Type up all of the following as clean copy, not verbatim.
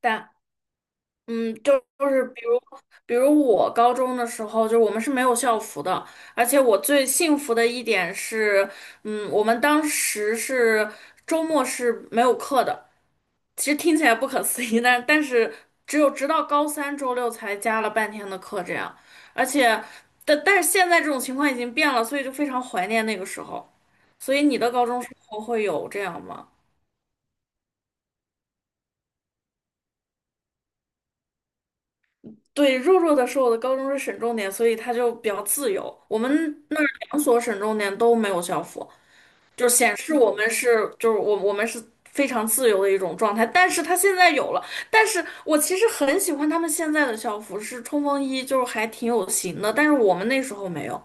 但嗯，就就是比如我高中的时候，就是我们是没有校服的，而且我最幸福的一点是，我们当时是周末是没有课的。其实听起来不可思议，但是只有直到高三周六才加了半天的课这样，而且但但是现在这种情况已经变了，所以就非常怀念那个时候。所以你的高中生活会有这样吗？对，弱弱的说，我的高中是省重点，所以他就比较自由。我们那儿两所省重点都没有校服，就显示我们是就是我们是非常自由的一种状态。但是他现在有了，但是我其实很喜欢他们现在的校服，是冲锋衣，就是还挺有型的。但是我们那时候没有。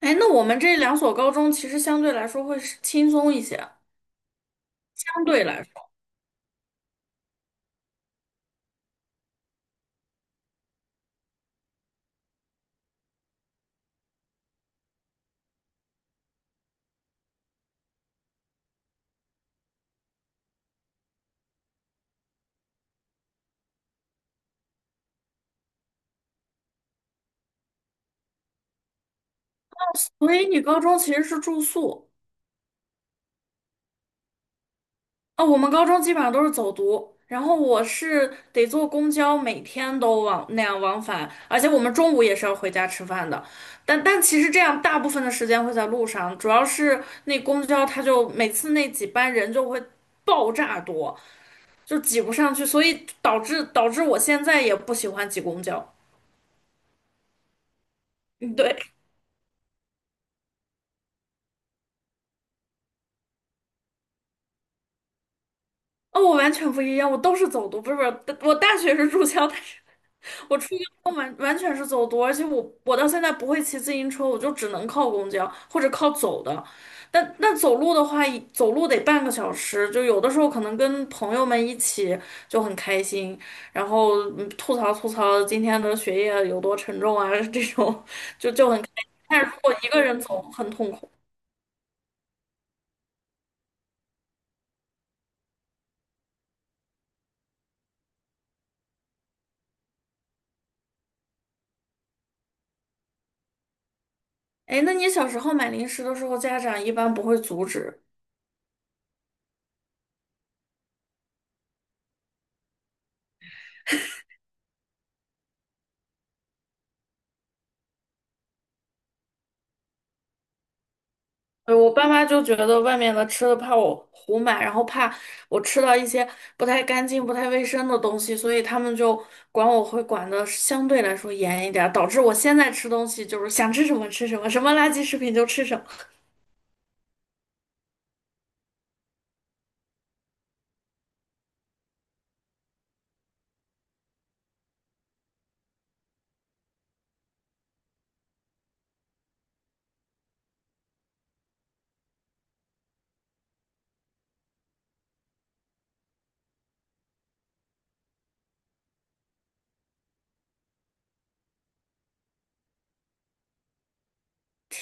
哎，那我们这两所高中其实相对来说会是轻松一些，相对来说，所以你高中其实是住宿。哦，我们高中基本上都是走读，然后我是得坐公交，每天都往那样往返，而且我们中午也是要回家吃饭的。但其实这样大部分的时间会在路上，主要是那公交它就每次那几班人就会爆炸多，就挤不上去，所以导致我现在也不喜欢挤公交。嗯，对，哦，我完全不一样，我都是走读，不是不是，我大学是住校，但是我完全是走读，而且我到现在不会骑自行车，我就只能靠公交或者靠走的。但那走路的话，走路得半个小时，就有的时候可能跟朋友们一起就很开心，然后吐槽吐槽今天的学业有多沉重啊，这种就很开心。但是如果一个人走，很痛苦。哎，那你小时候买零食的时候，家长一般不会阻止？对我爸妈就觉得外面的吃的怕我胡买，然后怕我吃到一些不太干净、不太卫生的东西，所以他们就管我会管的相对来说严一点儿，导致我现在吃东西就是想吃什么吃什么，什么垃圾食品就吃什么。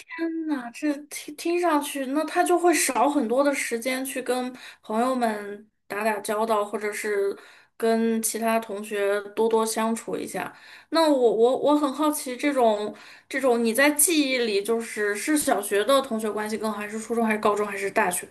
天呐，这听上去，那他就会少很多的时间去跟朋友们打打交道，或者是跟其他同学多多相处一下。那我很好奇，这种你在记忆里，就是小学的同学关系更好，还是初中，还是高中，还是大学？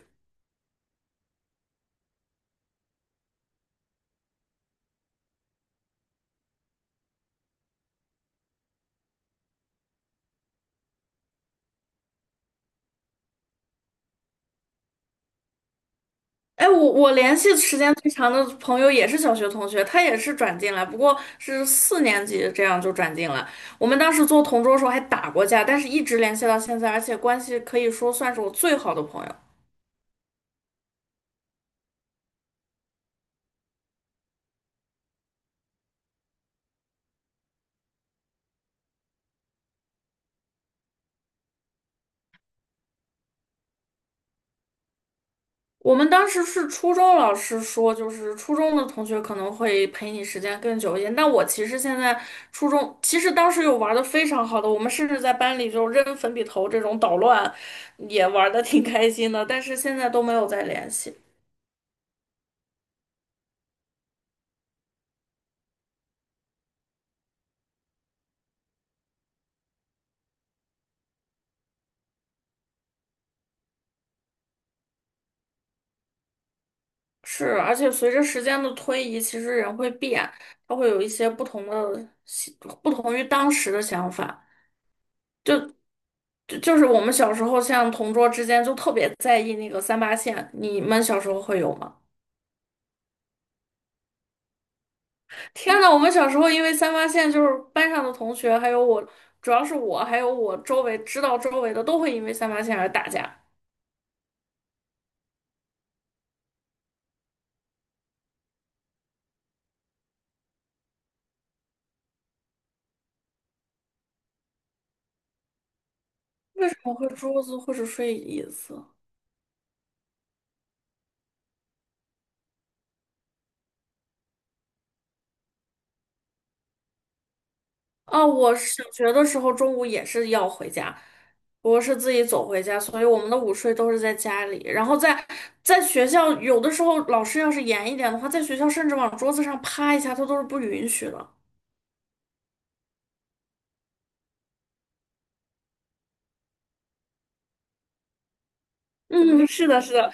哎，我联系时间最长的朋友也是小学同学，他也是转进来，不过是四年级这样就转进来。我们当时做同桌的时候还打过架，但是一直联系到现在，而且关系可以说算是我最好的朋友。我们当时是初中老师说，就是初中的同学可能会陪你时间更久一点，但我其实现在初中其实当时有玩的非常好的，我们甚至在班里就扔粉笔头这种捣乱，也玩的挺开心的，但是现在都没有再联系。是，而且随着时间的推移，其实人会变，他会有一些不同的不同于当时的想法。就是我们小时候，像同桌之间就特别在意那个三八线，你们小时候会有吗？天呐，我们小时候因为三八线，就是班上的同学，还有我，主要是我，还有我周围知道周围的都会因为三八线而打架，我会桌子或者睡椅子。哦，我小学的时候中午也是要回家，我是自己走回家，所以我们的午睡都是在家里。然后在学校，有的时候老师要是严一点的话，在学校甚至往桌子上趴一下，他都是不允许的。嗯，是的，是的，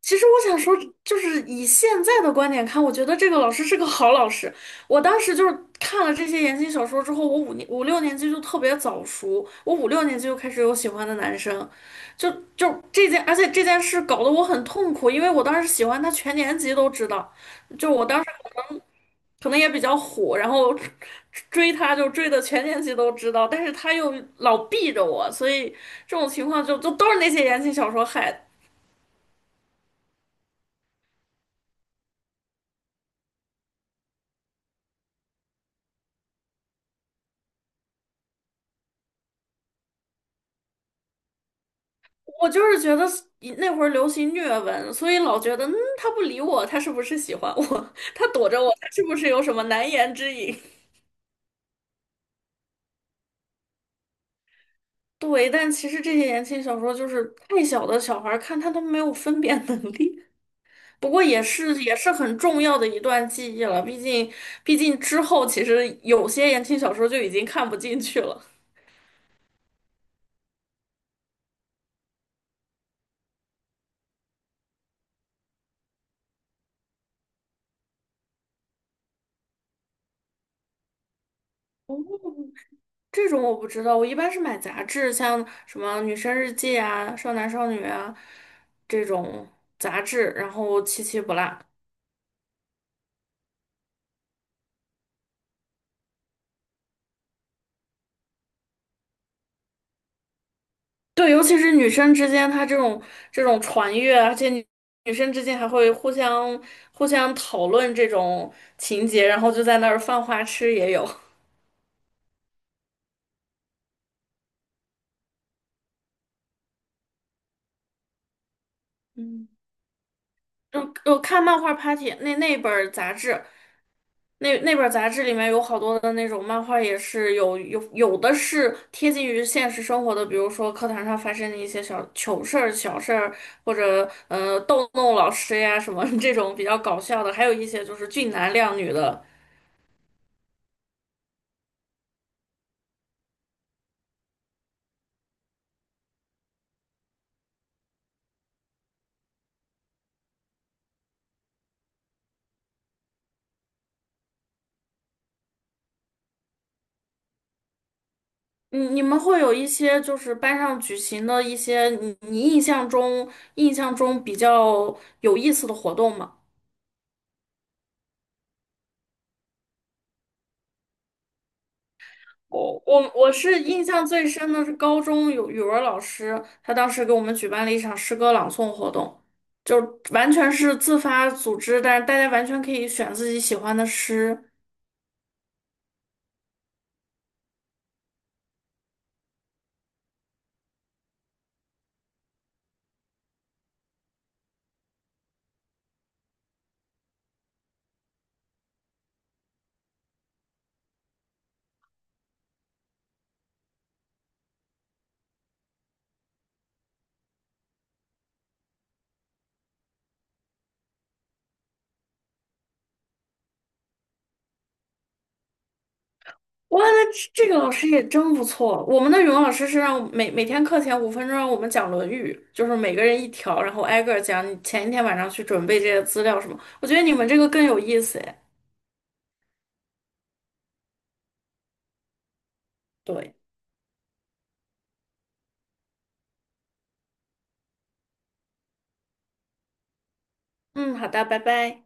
其实我想说，就是以现在的观点看，我觉得这个老师是个好老师。我当时就是看了这些言情小说之后，我五六年级就特别早熟，我五六年级就开始有喜欢的男生，就就这件，而且这件事搞得我很痛苦，因为我当时喜欢他，全年级都知道。就我当时可能也比较虎，然后追他就追的全年级都知道，但是他又老避着我，所以这种情况就都是那些言情小说害的。我就是觉得那会儿流行虐文，所以老觉得，嗯，他不理我，他是不是喜欢我？他躲着我，他是不是有什么难言之隐？对，但其实这些言情小说就是太小的小孩儿看，他都没有分辨能力。不过也是很重要的一段记忆了，毕竟之后其实有些言情小说就已经看不进去了。这种我不知道，我一般是买杂志，像什么《女生日记》啊、《少男少女》啊这种杂志，然后七七不落。对，尤其是女生之间，她这种传阅啊，而且女生之间还会互相讨论这种情节，然后就在那儿犯花痴也有。嗯嗯，我看漫画 Party 那本儿杂志，那本儿杂志里面有好多的那种漫画，也是有的是贴近于现实生活的，比如说课堂上发生的一些小糗事儿、小事儿，或者逗弄老师呀什么 这种比较搞笑的，还有一些就是俊男靓女的。你们会有一些就是班上举行的一些你印象中比较有意思的活动吗？我是印象最深的是高中有语文老师，他当时给我们举办了一场诗歌朗诵活动，就完全是自发组织，但是大家完全可以选自己喜欢的诗。哇，那这这个老师也真不错。我们的语文老师是让我每天课前5分钟让我们讲《论语》，就是每个人一条，然后挨个儿讲你前一天晚上去准备这些资料什么。我觉得你们这个更有意思哎。对，嗯，好的，拜拜。